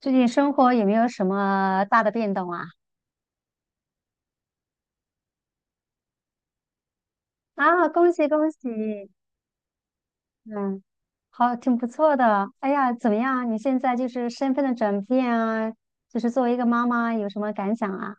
最近生活有没有什么大的变动啊？啊，恭喜恭喜！嗯，好，挺不错的。哎呀，怎么样？你现在就是身份的转变啊，就是作为一个妈妈，有什么感想啊？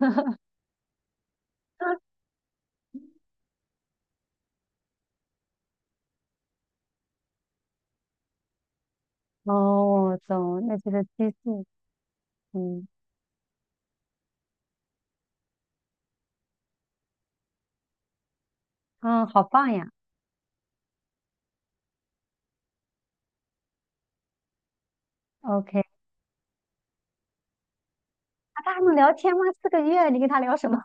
哦，懂，那就是激素。嗯，啊，好棒呀。OK，那他还能聊天吗？四个月，你跟他聊什么？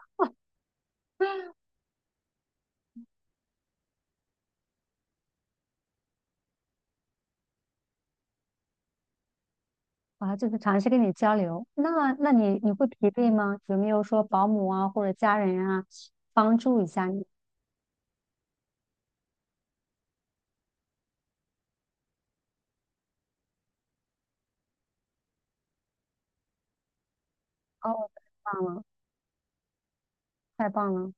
啊，就是尝试跟你交流。那，那你会疲惫吗？有没有说保姆啊或者家人啊帮助一下你？哦，太棒了，太棒了。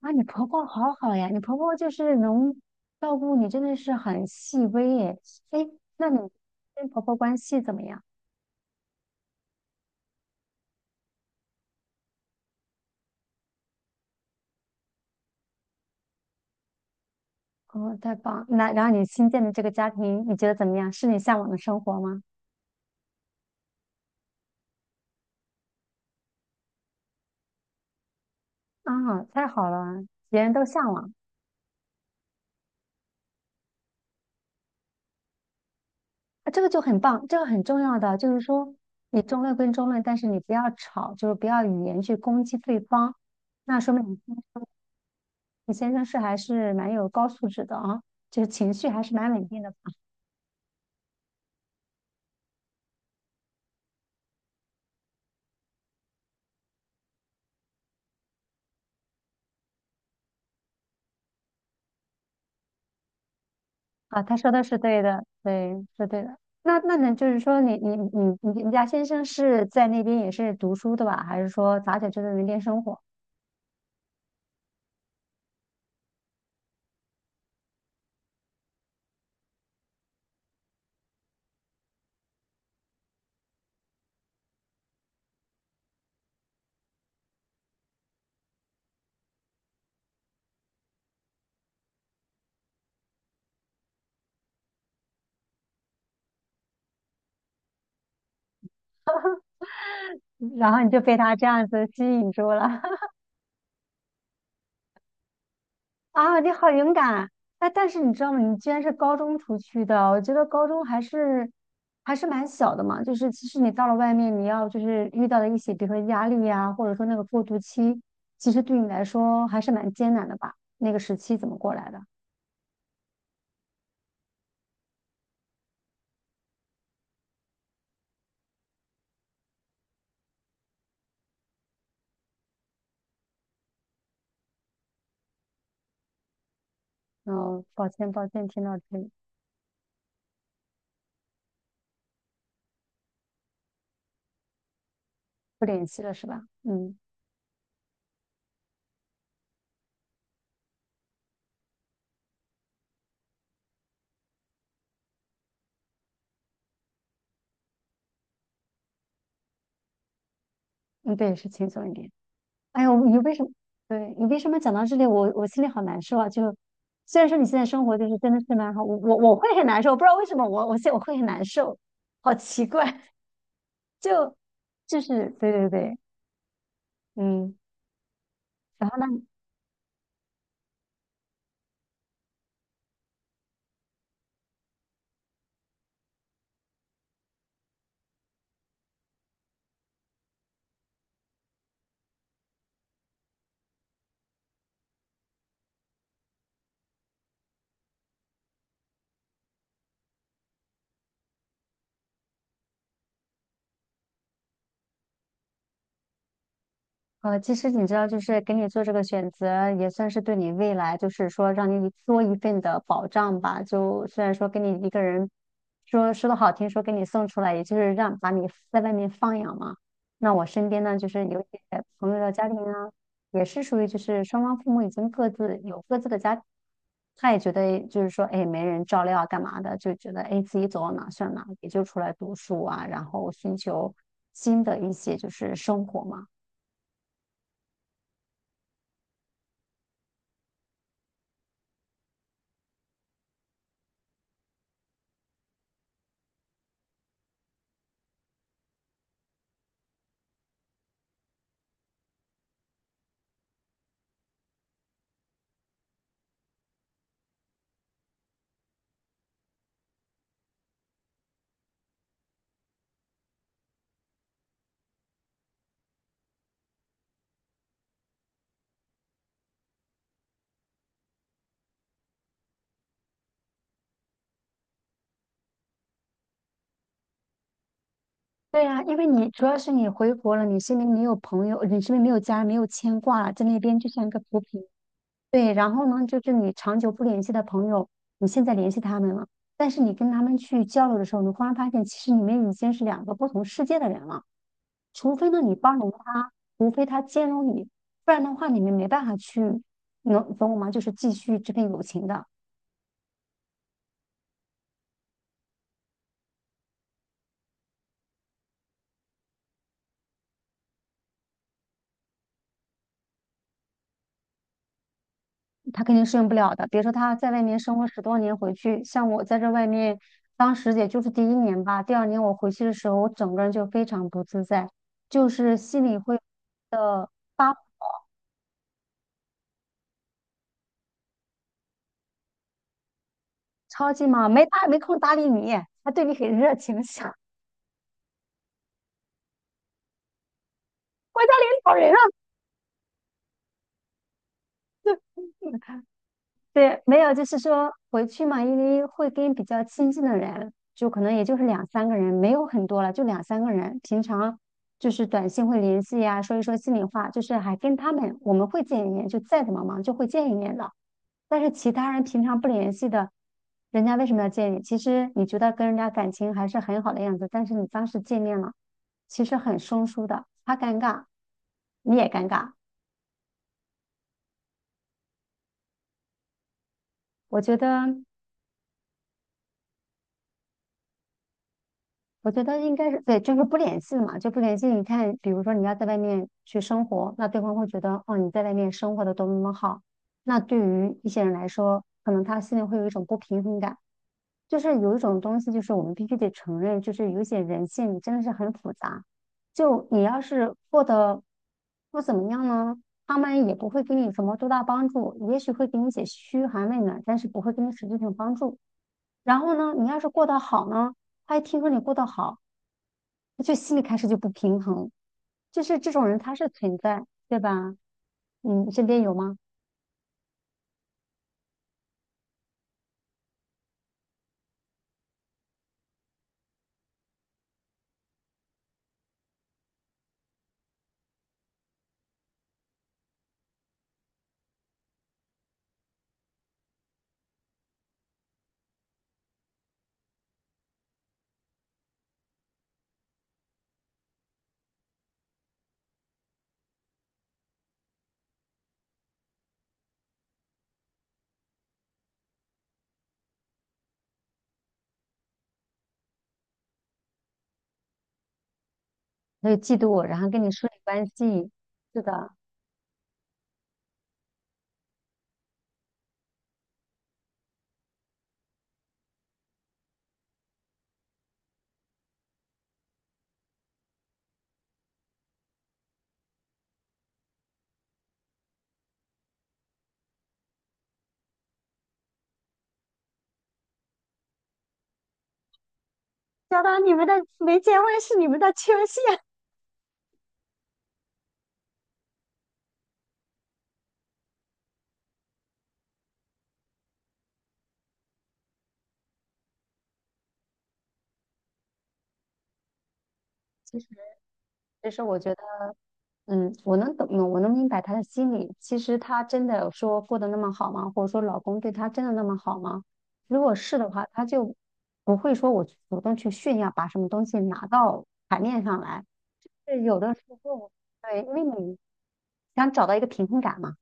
啊，你婆婆好好呀，你婆婆就是能照顾你，真的是很细微耶。哎，那你跟婆婆关系怎么样？哦，太棒！那然后你新建的这个家庭，你觉得怎么样？是你向往的生活吗？啊，太好了，别人都向往，啊，这个就很棒，这个很重要的就是说，你争论跟争论，但是你不要吵，就是不要语言去攻击对方。那说明你先你先生是还是蛮有高素质的啊，就是情绪还是蛮稳定的。啊，他说的是对的，对，是对的。那那呢，就是说你家先生是在那边也是读书的吧？还是说咋在这边那边生活？然后你就被他这样子吸引住了。 啊！你好勇敢啊！哎但是你知道吗？你居然是高中出去的，我觉得高中还是蛮小的嘛。就是其实你到了外面，你要就是遇到的一些，比如说压力呀、或者说那个过渡期，其实对你来说还是蛮艰难的吧？那个时期怎么过来的？嗯，抱歉，抱歉，听到这里。不联系了是吧？嗯。嗯，对，是轻松一点。哎呦，你为什么？对你为什么讲到这里，我心里好难受啊！就虽然说你现在生活就是真的是蛮好，我会很难受，我不知道为什么我会很难受，好奇怪，就就是对对对，嗯。然后呢？呃，其实你知道，就是给你做这个选择，也算是对你未来，就是说让你多一份的保障吧。就虽然说给你一个人说说的好听，说给你送出来，也就是让把你在外面放养嘛。那我身边呢，就是有一些朋友的家庭啊，也是属于就是双方父母已经各自有各自的家庭，他也觉得就是说，哎，没人照料啊，干嘛的，就觉得哎自己走到哪算哪，也就出来读书啊，然后寻求新的一些就是生活嘛。对呀，因为你主要是你回国了，你身边没有朋友，你身边没有家人，没有牵挂了，在那边就像一个浮萍。对，然后呢，就是你长久不联系的朋友，你现在联系他们了，但是你跟他们去交流的时候，你忽然发现，其实你们已经是两个不同世界的人了。除非呢，你包容他，除非他兼容你，不然的话，你们没办法去，能懂我吗？就是继续这份友情的。他肯定适应不了的。比如说他在外面生活十多年回去，像我在这外面，当时也就是第一年吧，第二年我回去的时候，我整个人就非常不自在，就是心里会的发超级忙，没空搭理你，还对你很热情，想我家领导人啊。对，没有，就是说回去嘛，因为会跟比较亲近的人，就可能也就是两三个人，没有很多了，就两三个人。平常就是短信会联系呀、说一说心里话，就是还跟他们我们会见一面，就再怎么忙就会见一面的。但是其他人平常不联系的，人家为什么要见你？其实你觉得跟人家感情还是很好的样子，但是你当时见面了，其实很生疏的，他尴尬，你也尴尬。我觉得。我觉得应该是对，就是不联系了嘛，就不联系。你看，比如说你要在外面去生活，那对方会觉得哦你在外面生活的多么多么好。那对于一些人来说，可能他心里会有一种不平衡感，就是有一种东西，就是我们必须得承认，就是有一些人性真的是很复杂。就你要是过得不怎么样呢，他们也不会给你什么多大帮助，也许会给你一些嘘寒问暖，但是不会给你实质性帮助。然后呢，你要是过得好呢？他一听说你过得好，他就心里开始就不平衡，就是这种人他是存在，对吧？嗯，身边有吗？他就嫉妒我，然后跟你疏离关系。是的，小到你们的没结婚是你们的缺陷。其实其实我觉得，嗯，我能懂，我能明白他的心理。其实他真的有说过得那么好吗？或者说老公对他真的那么好吗？如果是的话，他就不会说我主动去炫耀，把什么东西拿到台面上来。是有的时候，对，因为你想找到一个平衡感嘛，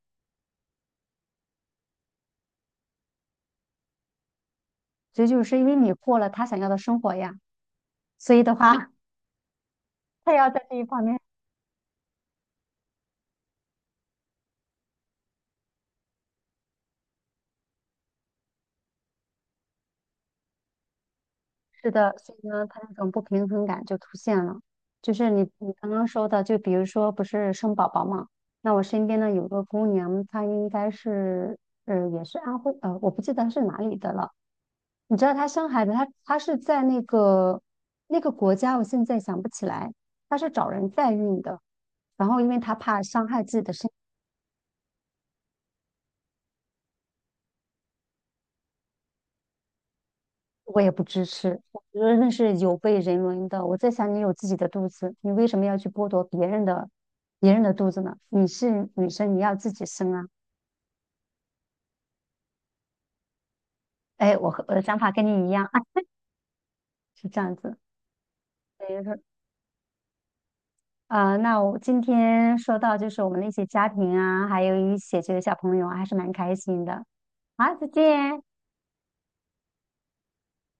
所以就是因为你过了他想要的生活呀，所以的话 他要在这一方面，是的，所以呢，他那种不平衡感就出现了。就是你刚刚说的，就比如说不是生宝宝嘛，那我身边呢有个姑娘，她应该是呃也是安徽呃，我不记得是哪里的了。你知道他生孩子，他是在那个那个国家，我现在想不起来，他是找人代孕的，然后因为他怕伤害自己的身体，我也不支持，我觉得那是有悖人伦的。我在想，你有自己的肚子，你为什么要去剥夺别人的肚子呢？你是女生，你要自己生啊。哎，我和我的想法跟你一样啊，是这样子。等于是啊，那我今天说到就是我们那些家庭啊，还有一些这个小朋友啊，还是蛮开心的。好，再见。